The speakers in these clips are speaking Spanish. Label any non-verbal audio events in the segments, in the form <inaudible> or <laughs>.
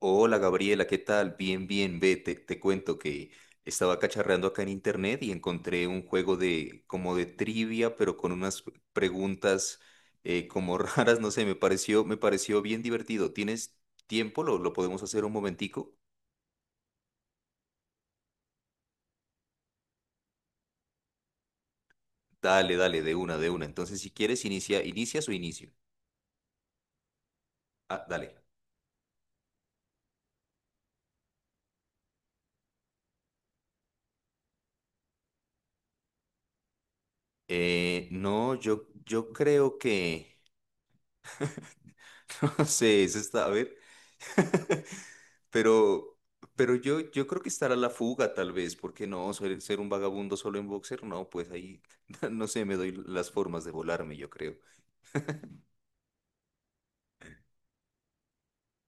Hola Gabriela, ¿qué tal? Bien, bien, ve, te cuento que estaba cacharreando acá en internet y encontré un juego de como de trivia, pero con unas preguntas como <laughs> raras, no sé, me pareció bien divertido. ¿Tienes tiempo? ¿Lo podemos hacer un momentico? Dale, dale, de una. Entonces, si quieres, inicia, ¿inicias o inicio? Ah, dale. No, yo creo <laughs> no sé, eso está, a ver. <laughs> Pero, pero yo creo que estará la fuga, tal vez, porque no, ser un vagabundo solo en boxer, no, pues ahí, <laughs> no sé, me doy las formas de volarme, yo creo.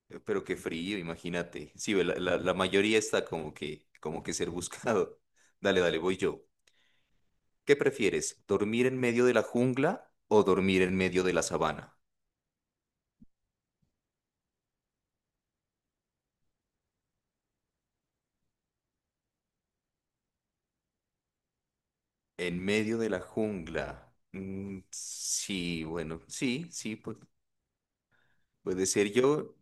Pero qué frío, imagínate. Sí, ve, la mayoría está como que ser buscado. <laughs> Dale, dale, voy yo. ¿Qué prefieres? ¿Dormir en medio de la jungla o dormir en medio de la sabana? En medio de la jungla. Mm, sí, bueno, sí, sí, puede ser yo.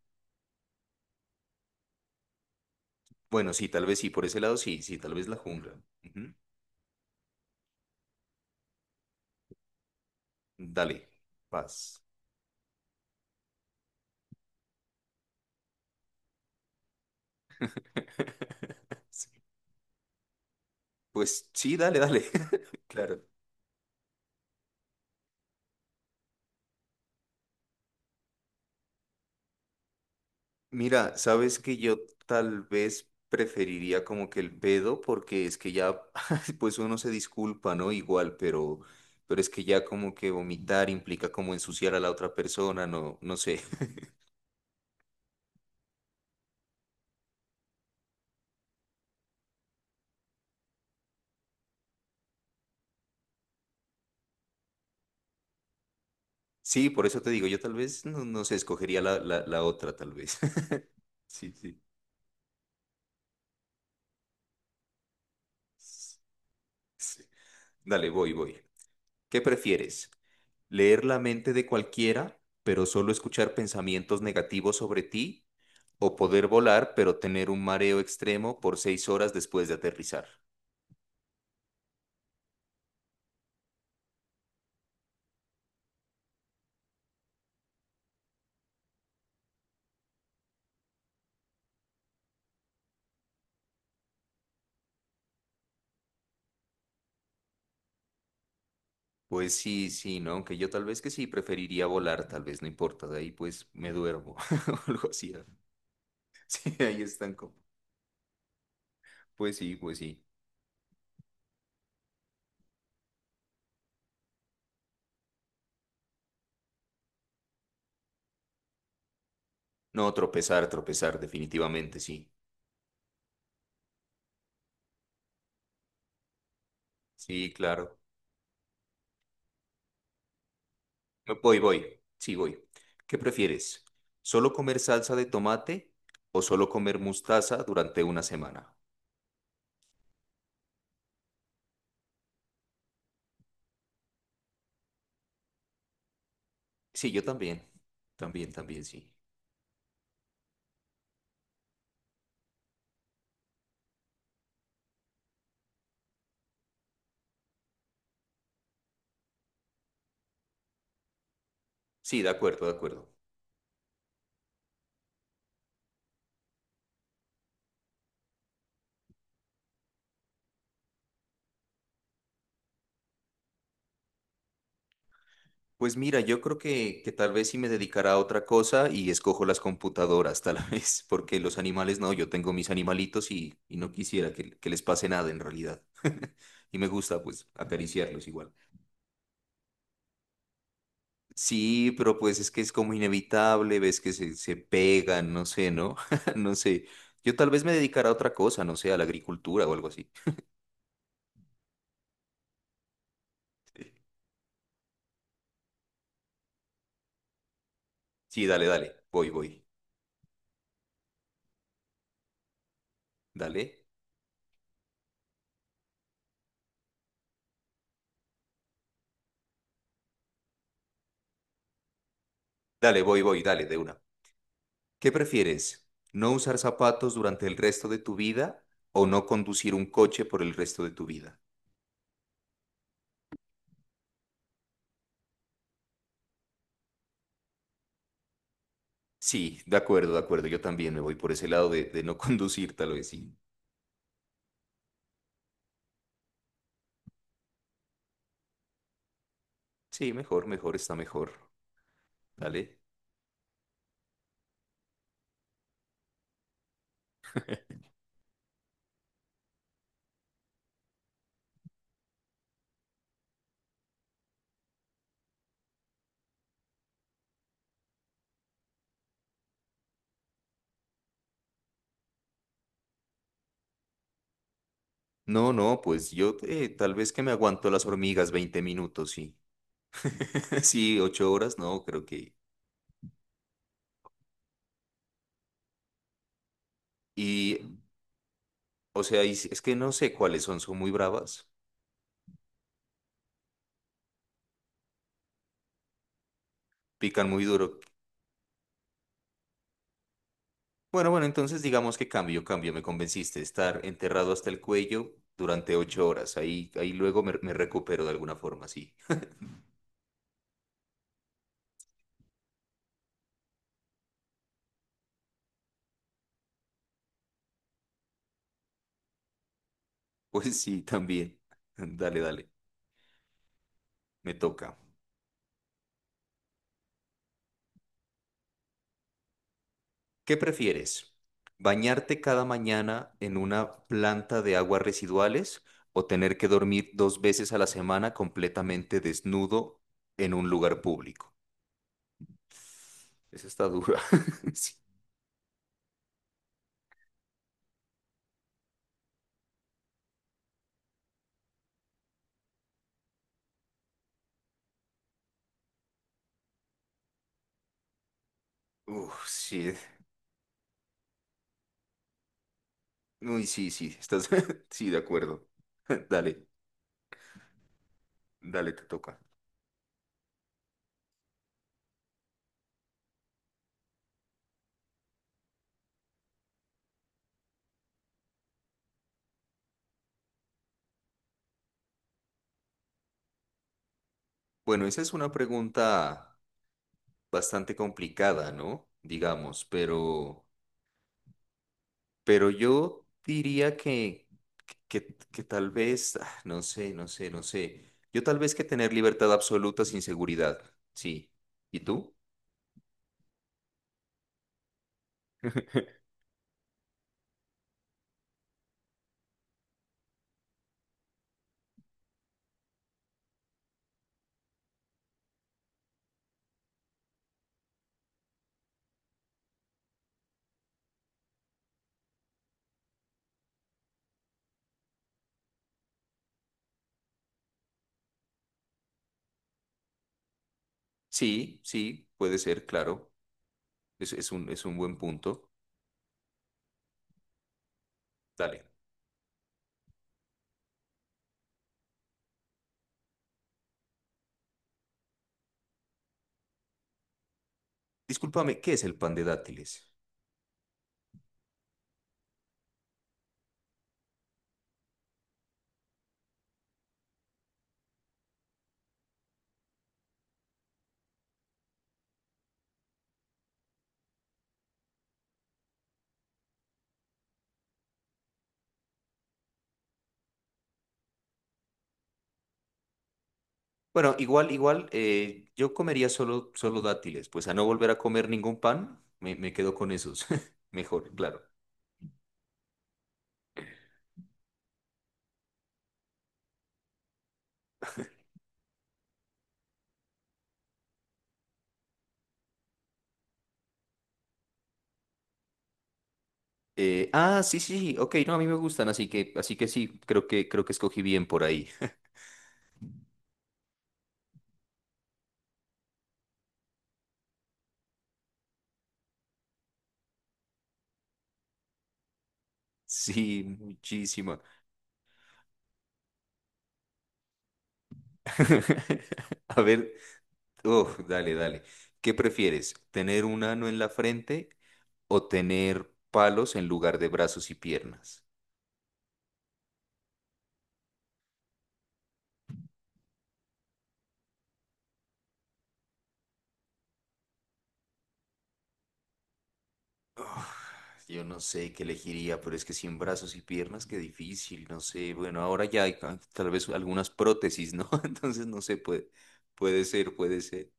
Bueno, sí, tal vez sí, por ese lado sí, sí, tal vez la jungla. Ujú. Dale, paz. <laughs> Sí, pues sí, dale, dale. <laughs> Claro. Mira, sabes que yo tal vez preferiría como que el pedo, porque es que ya, <laughs> pues uno se disculpa, ¿no? Igual, pero es que ya como que vomitar implica como ensuciar a la otra persona, no, no sé. <laughs> Sí, por eso te digo, yo tal vez, no, no sé, escogería la otra, tal vez. <laughs> Sí, sí. Sí. Dale, voy, voy. ¿Qué prefieres? Leer la mente de cualquiera, pero solo escuchar pensamientos negativos sobre ti, o poder volar, pero tener un mareo extremo por 6 horas después de aterrizar. Pues sí, sí, ¿no? Aunque yo tal vez que sí preferiría volar, tal vez no importa, de ahí pues me duermo <laughs> o algo así, ¿no? <laughs> Sí, ahí están como. Pues sí, pues sí. No, tropezar, tropezar, definitivamente sí. Sí, claro. No, voy, voy. Sí, voy. ¿Qué prefieres? ¿Solo comer salsa de tomate o solo comer mostaza durante una semana? Sí, yo también. También, también, sí. Sí, de acuerdo, de acuerdo. Pues mira, yo creo que tal vez sí me dedicará a otra cosa y escojo las computadoras, tal <laughs> vez, porque los animales no, yo tengo mis animalitos y no quisiera que les pase nada en realidad. <laughs> Y me gusta pues acariciarlos igual. Sí, pero pues es que es como inevitable, ves que se pegan, no sé, ¿no? <laughs> No sé. Yo tal vez me dedicara a otra cosa, no sé, a la agricultura o algo así. Sí, dale, dale, voy, voy. Dale, dale, voy, voy, dale, de una. ¿Qué prefieres? ¿No usar zapatos durante el resto de tu vida o no conducir un coche por el resto de tu vida? Sí, de acuerdo, de acuerdo. Yo también me voy por ese lado de no <laughs> conducir, tal vez sí. Sí, mejor, mejor, está mejor. Dale. No, no, pues yo tal vez que me aguanto las hormigas 20 minutos, sí. <laughs> Sí, 8 horas, no, creo que... Y, o sea, es que no sé cuáles son, son muy bravas, pican muy duro. Bueno, bueno, entonces digamos que cambio, cambio, me convenciste, estar enterrado hasta el cuello durante 8 horas, ahí, ahí luego me recupero de alguna forma, sí. <laughs> Pues sí, también. <laughs> Dale, dale, me toca. ¿Qué prefieres? ¿Bañarte cada mañana en una planta de aguas residuales o tener que dormir 2 veces a la semana completamente desnudo en un lugar público? Esa está dura. <laughs> Sí. Uf, sí. Uy, sí, sí, estás... <laughs> Sí, de acuerdo. <laughs> Dale, dale, te toca. Bueno, esa es una pregunta bastante complicada, ¿no? Digamos, pero... Pero yo diría que tal vez, ah, no sé, no sé, no sé. Yo tal vez que tener libertad absoluta sin seguridad. Sí. ¿Y tú? Sí, sí, puede ser, claro. Es, es un buen punto. Dale. Discúlpame, ¿qué es el pan de dátiles? Bueno, igual, igual, yo comería solo, solo dátiles, pues a no volver a comer ningún pan, me quedo con esos. <laughs> Mejor, claro. Sí, sí, sí, ok, no, a mí me gustan, así que sí, creo creo que escogí bien por ahí. Sí, muchísima. <laughs> A ver, uf, dale, dale. ¿Qué prefieres? ¿Tener un ano en la frente o tener palos en lugar de brazos y piernas? Uf, yo no sé qué elegiría, pero es que sin brazos y piernas, qué difícil, no sé. Bueno, ahora ya hay tal vez algunas prótesis, ¿no? <laughs> Entonces no sé, puede, puede ser, puede ser.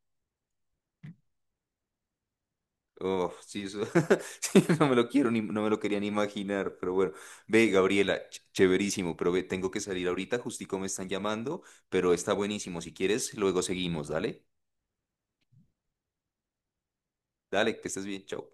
Oh, sí, eso, <laughs> sí, no me lo quiero ni, no me lo quería ni imaginar, pero bueno. Ve, Gabriela, chéverísimo, pero ve, tengo que salir ahorita, justico me están llamando, pero está buenísimo. Si quieres, luego seguimos, dale. Dale, que estés bien, chao.